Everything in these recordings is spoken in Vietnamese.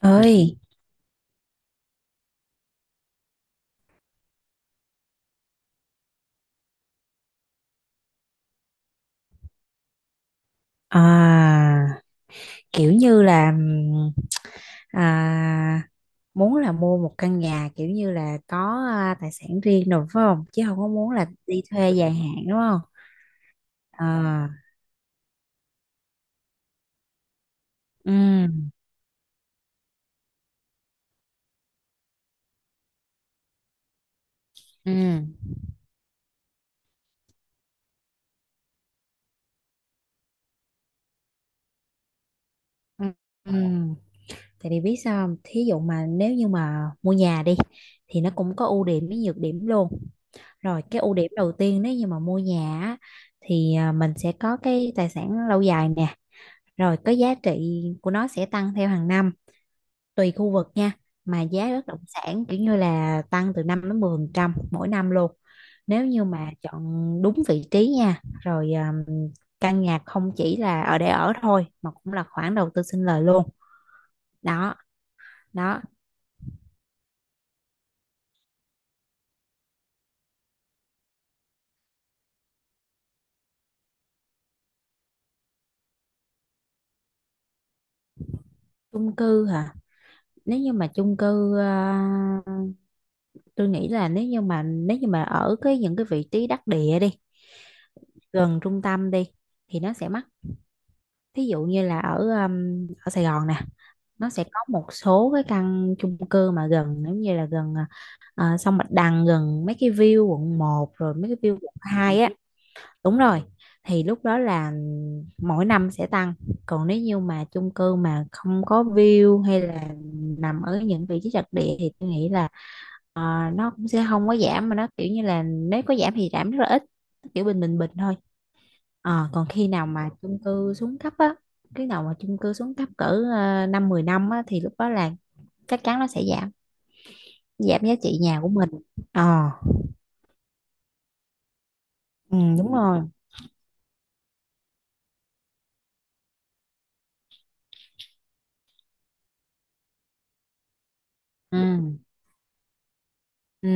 ơi, à, kiểu như là à, muốn là mua một căn nhà kiểu như là có tài sản riêng rồi phải không, chứ không có muốn là đi thuê dài hạn đúng không? À, ừ ừ ừ ừ. Tại vì biết sao không? Thí dụ mà nếu như mà mua nhà đi thì nó cũng có ưu điểm với nhược điểm luôn. Rồi cái ưu điểm đầu tiên, nếu như mà mua nhà á, thì mình sẽ có cái tài sản lâu dài nè, rồi cái giá trị của nó sẽ tăng theo hàng năm, tùy khu vực nha. Mà giá bất động sản kiểu như là tăng từ 5 đến 10% mỗi năm luôn, nếu như mà chọn đúng vị trí nha. Rồi căn nhà không chỉ là ở để ở thôi mà cũng là khoản đầu tư sinh lời luôn đó. Đó, chung cư hả? Nếu như mà chung cư ờ, tôi nghĩ là nếu như mà ở cái những cái vị trí đắc địa đi, gần trung tâm đi, thì nó sẽ mắc. Thí dụ như là ở ở Sài Gòn nè, nó sẽ có một số cái căn chung cư mà gần giống như là gần sông Bạch Đằng, gần mấy cái view quận một rồi mấy cái view quận 2 á. Đúng rồi, thì lúc đó là mỗi năm sẽ tăng. Còn nếu như mà chung cư mà không có view hay là nằm ở những vị trí trật địa thì tôi nghĩ là ờ, nó cũng sẽ không có giảm, mà nó kiểu như là nếu có giảm thì giảm rất là ít, kiểu bình bình bình thôi. Ờ, còn khi nào mà chung cư xuống cấp á, khi nào mà chung cư xuống cấp cỡ năm 10 năm á, thì lúc đó là chắc chắn nó sẽ giảm, giảm giá trị nhà của mình. Ờ, ừ, đúng rồi. ừ ừ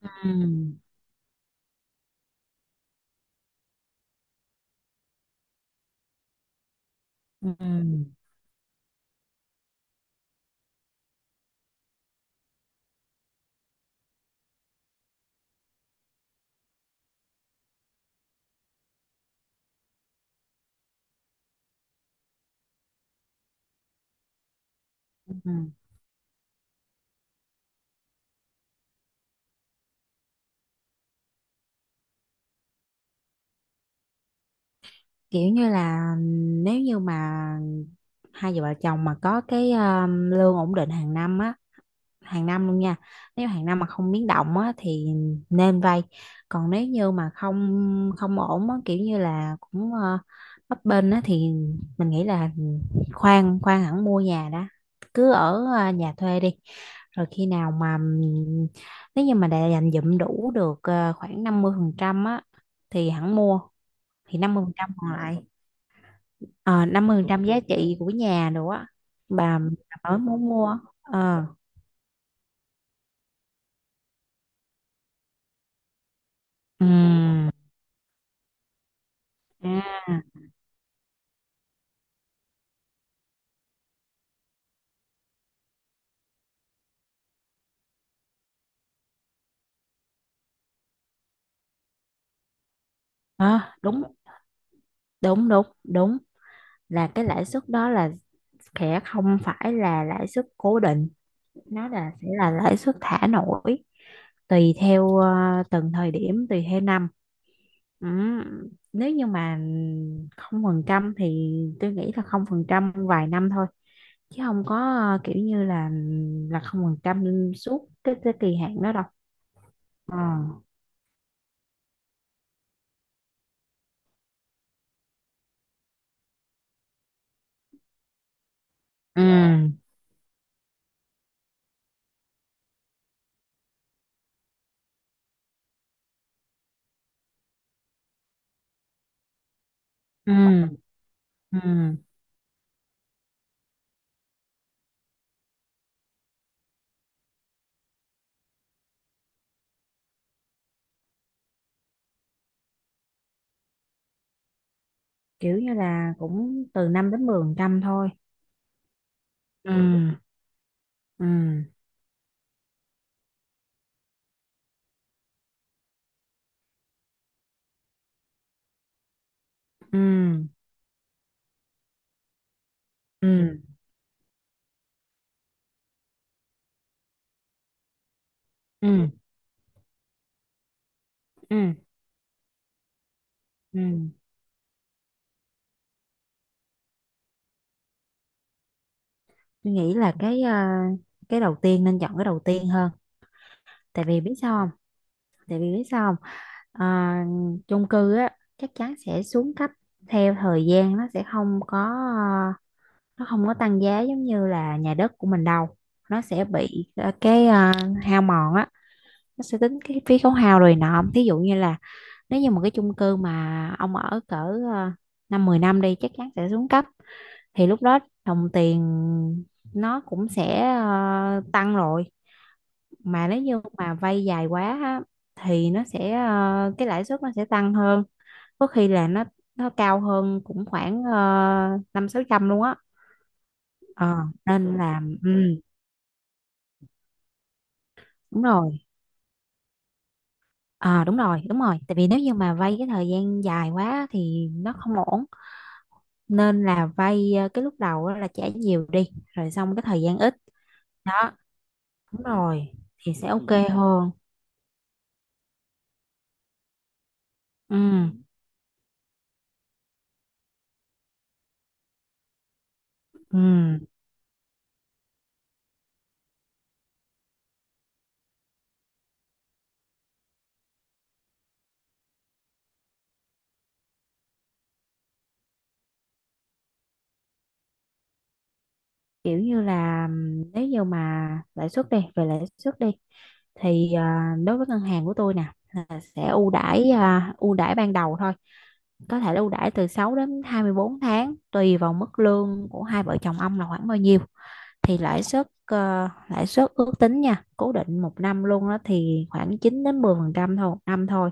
ừ ừ ừ. Kiểu như là, nếu như mà hai vợ chồng mà có cái lương ổn định hàng năm á, hàng năm luôn nha, nếu hàng năm mà không biến động á, thì nên vay. Còn nếu như mà không không ổn á, kiểu như là cũng bấp bênh á, thì mình nghĩ là khoan khoan hẳn mua nhà đó. Cứ ở nhà thuê đi, rồi khi nào mà nếu như mà đã dành dụm đủ được khoảng 50% á thì hẳn mua. Thì năm mươi phần trăm còn lại, ờ, năm mươi phần trăm giá trị của nhà nữa á, bà, bà mới muốn mua ừm. À. Ờ, đúng đúng đúng đúng là cái lãi suất đó là sẽ không phải là lãi suất cố định, nó sẽ là lãi suất thả nổi, tùy theo từng thời điểm, tùy theo năm. Ừ. Nếu như mà không phần trăm thì tôi nghĩ là không phần trăm vài năm thôi, chứ không có kiểu như là không phần trăm suốt cái kỳ hạn đó đâu. Ờ. Ừ. Ừ. Ừ. Kiểu như là cũng từ 5 đến 10 phần trăm thôi. Ừ ừ ừ ừ ừ ừ ừ. tôi nghĩ là cái đầu tiên, nên chọn cái đầu tiên hơn. Tại vì biết sao không? tại vì biết sao không à, chung cư á, chắc chắn sẽ xuống cấp theo thời gian, nó sẽ không có ờ, không có tăng giá giống như là nhà đất của mình đâu. Nó sẽ bị hao mòn á, nó sẽ tính cái phí khấu hao rồi nọ. Thí dụ như là nếu như một cái chung cư mà ông ở cỡ ờ, năm 10 năm đi, chắc chắn sẽ xuống cấp. Thì lúc đó đồng tiền nó cũng sẽ tăng rồi. Mà nếu như mà vay dài quá á, thì nó sẽ cái lãi suất nó sẽ tăng hơn, có khi là nó cao hơn cũng khoảng năm sáu trăm luôn á. Ờ, nên là ừ, đúng rồi. Ờ, đúng rồi, đúng rồi. Tại vì nếu như mà vay cái thời gian dài quá thì nó không ổn, nên là vay cái lúc đầu á là trả nhiều đi, rồi xong cái thời gian ít đó. Đúng rồi, thì sẽ ok hơn. Ừ. Ừ, kiểu như là nếu như mà lãi suất đi, thì đối với ngân hàng của tôi nè, là sẽ ưu đãi, ưu đãi ban đầu thôi, có thể là ưu đãi từ 6 đến 24 tháng, tùy vào mức lương của hai vợ chồng ông là khoảng bao nhiêu. Thì lãi suất ước tính nha, cố định một năm luôn đó thì khoảng 9 đến 10 phần trăm thôi, một năm thôi.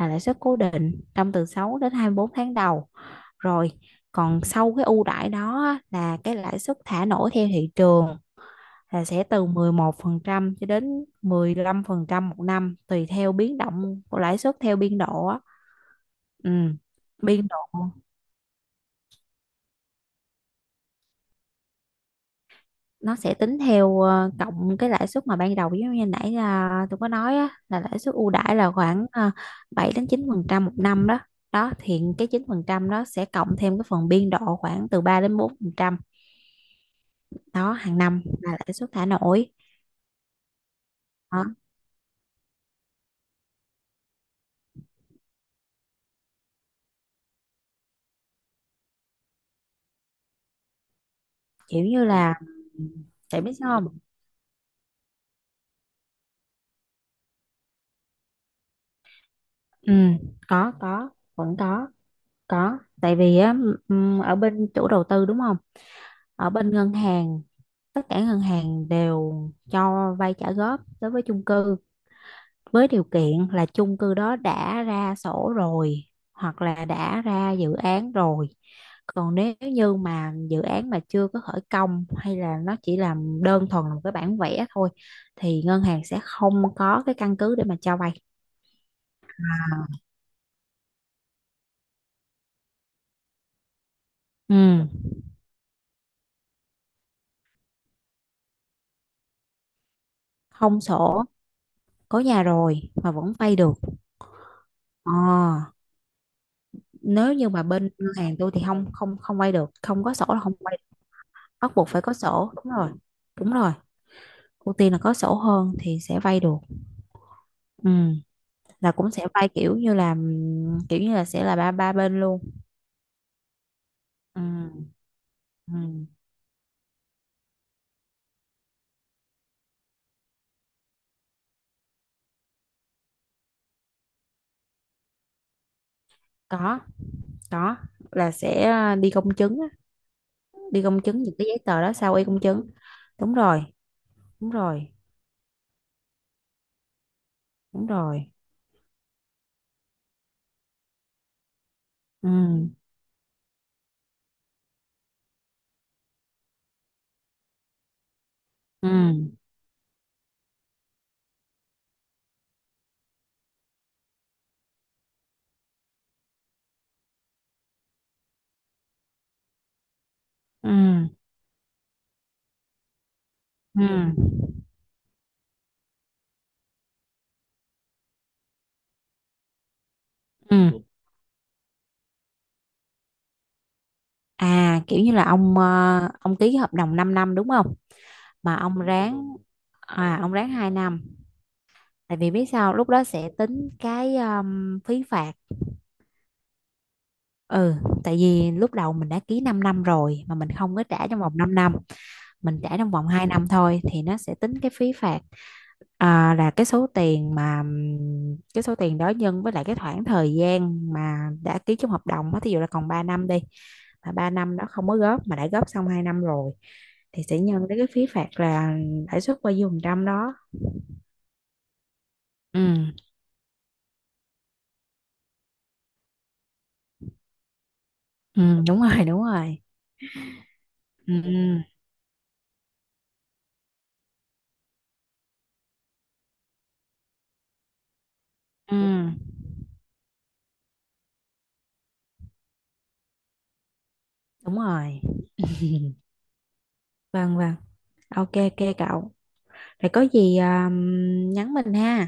Là lãi suất cố định trong từ 6 đến 24 tháng đầu, rồi còn sau cái ưu đãi đó á, là cái lãi suất thả nổi theo thị trường, là sẽ từ 11% cho đến 15% một năm, tùy theo biến động của lãi suất theo biên độ á. Ừ. Biên độ nó sẽ tính theo cộng cái lãi suất mà ban đầu, giống như nãy là tôi có nói á, là lãi suất ưu đãi là khoảng 7 đến 9% một năm đó. Đó, thì cái 9% đó sẽ cộng thêm cái phần biên độ khoảng từ 3 đến 4% đó, hàng năm là lãi suất thả nổi. Đó. Kiểu như là, tại biết sao không? Ừ, có, vẫn có, có. Tại vì á, ở bên chủ đầu tư đúng không, ở bên ngân hàng, tất cả ngân hàng đều cho vay trả góp đối với chung cư, với điều kiện là chung cư đó đã ra sổ rồi, hoặc là đã ra dự án rồi. Còn nếu như mà dự án mà chưa có khởi công hay là nó chỉ là đơn thuần là một cái bản vẽ thôi, thì ngân hàng sẽ không có cái căn cứ để mà cho vay. Ừ, không sổ, có nhà rồi mà vẫn vay được. Ờ, nếu như mà bên ngân hàng tôi thì không không không vay được, không có sổ là không vay được. Bắt buộc phải có sổ, đúng rồi. Đúng rồi, ưu tiên là có sổ hơn thì sẽ vay được. Ừ, là cũng sẽ vay kiểu như là sẽ là ba ba bên luôn. Ừ, ừ, có, có, là sẽ đi công chứng á, đi công chứng những cái giấy tờ đó, sao y công chứng. Đúng rồi, đúng rồi, đúng rồi. Ừ, ừ, ừ. Ừ. Ừ. À, kiểu như là ông ký cái hợp đồng 5 năm đúng không? Mà ông ráng À ông ráng 2 năm. Tại vì biết sao, lúc đó sẽ tính cái phí phạt. Ừ, tại vì lúc đầu mình đã ký 5 năm rồi mà mình không có trả trong vòng 5 năm, mình trả trong vòng 2 năm thôi, thì nó sẽ tính cái phí phạt. Là cái số tiền mà cái số tiền đó nhân với lại cái khoảng thời gian mà đã ký trong hợp đồng á, thí dụ là còn 3 năm đi, mà 3 năm đó không có góp mà đã góp xong 2 năm rồi, thì sẽ nhân tới cái phí phạt là lãi suất bao nhiêu phần trăm đó. Ừ. Ừ, đúng rồi, đúng rồi. Ừ. Ừ. Ừ, đúng rồi. Vâng, vâng. Ok, ok cậu. Rồi có gì nhắn mình ha.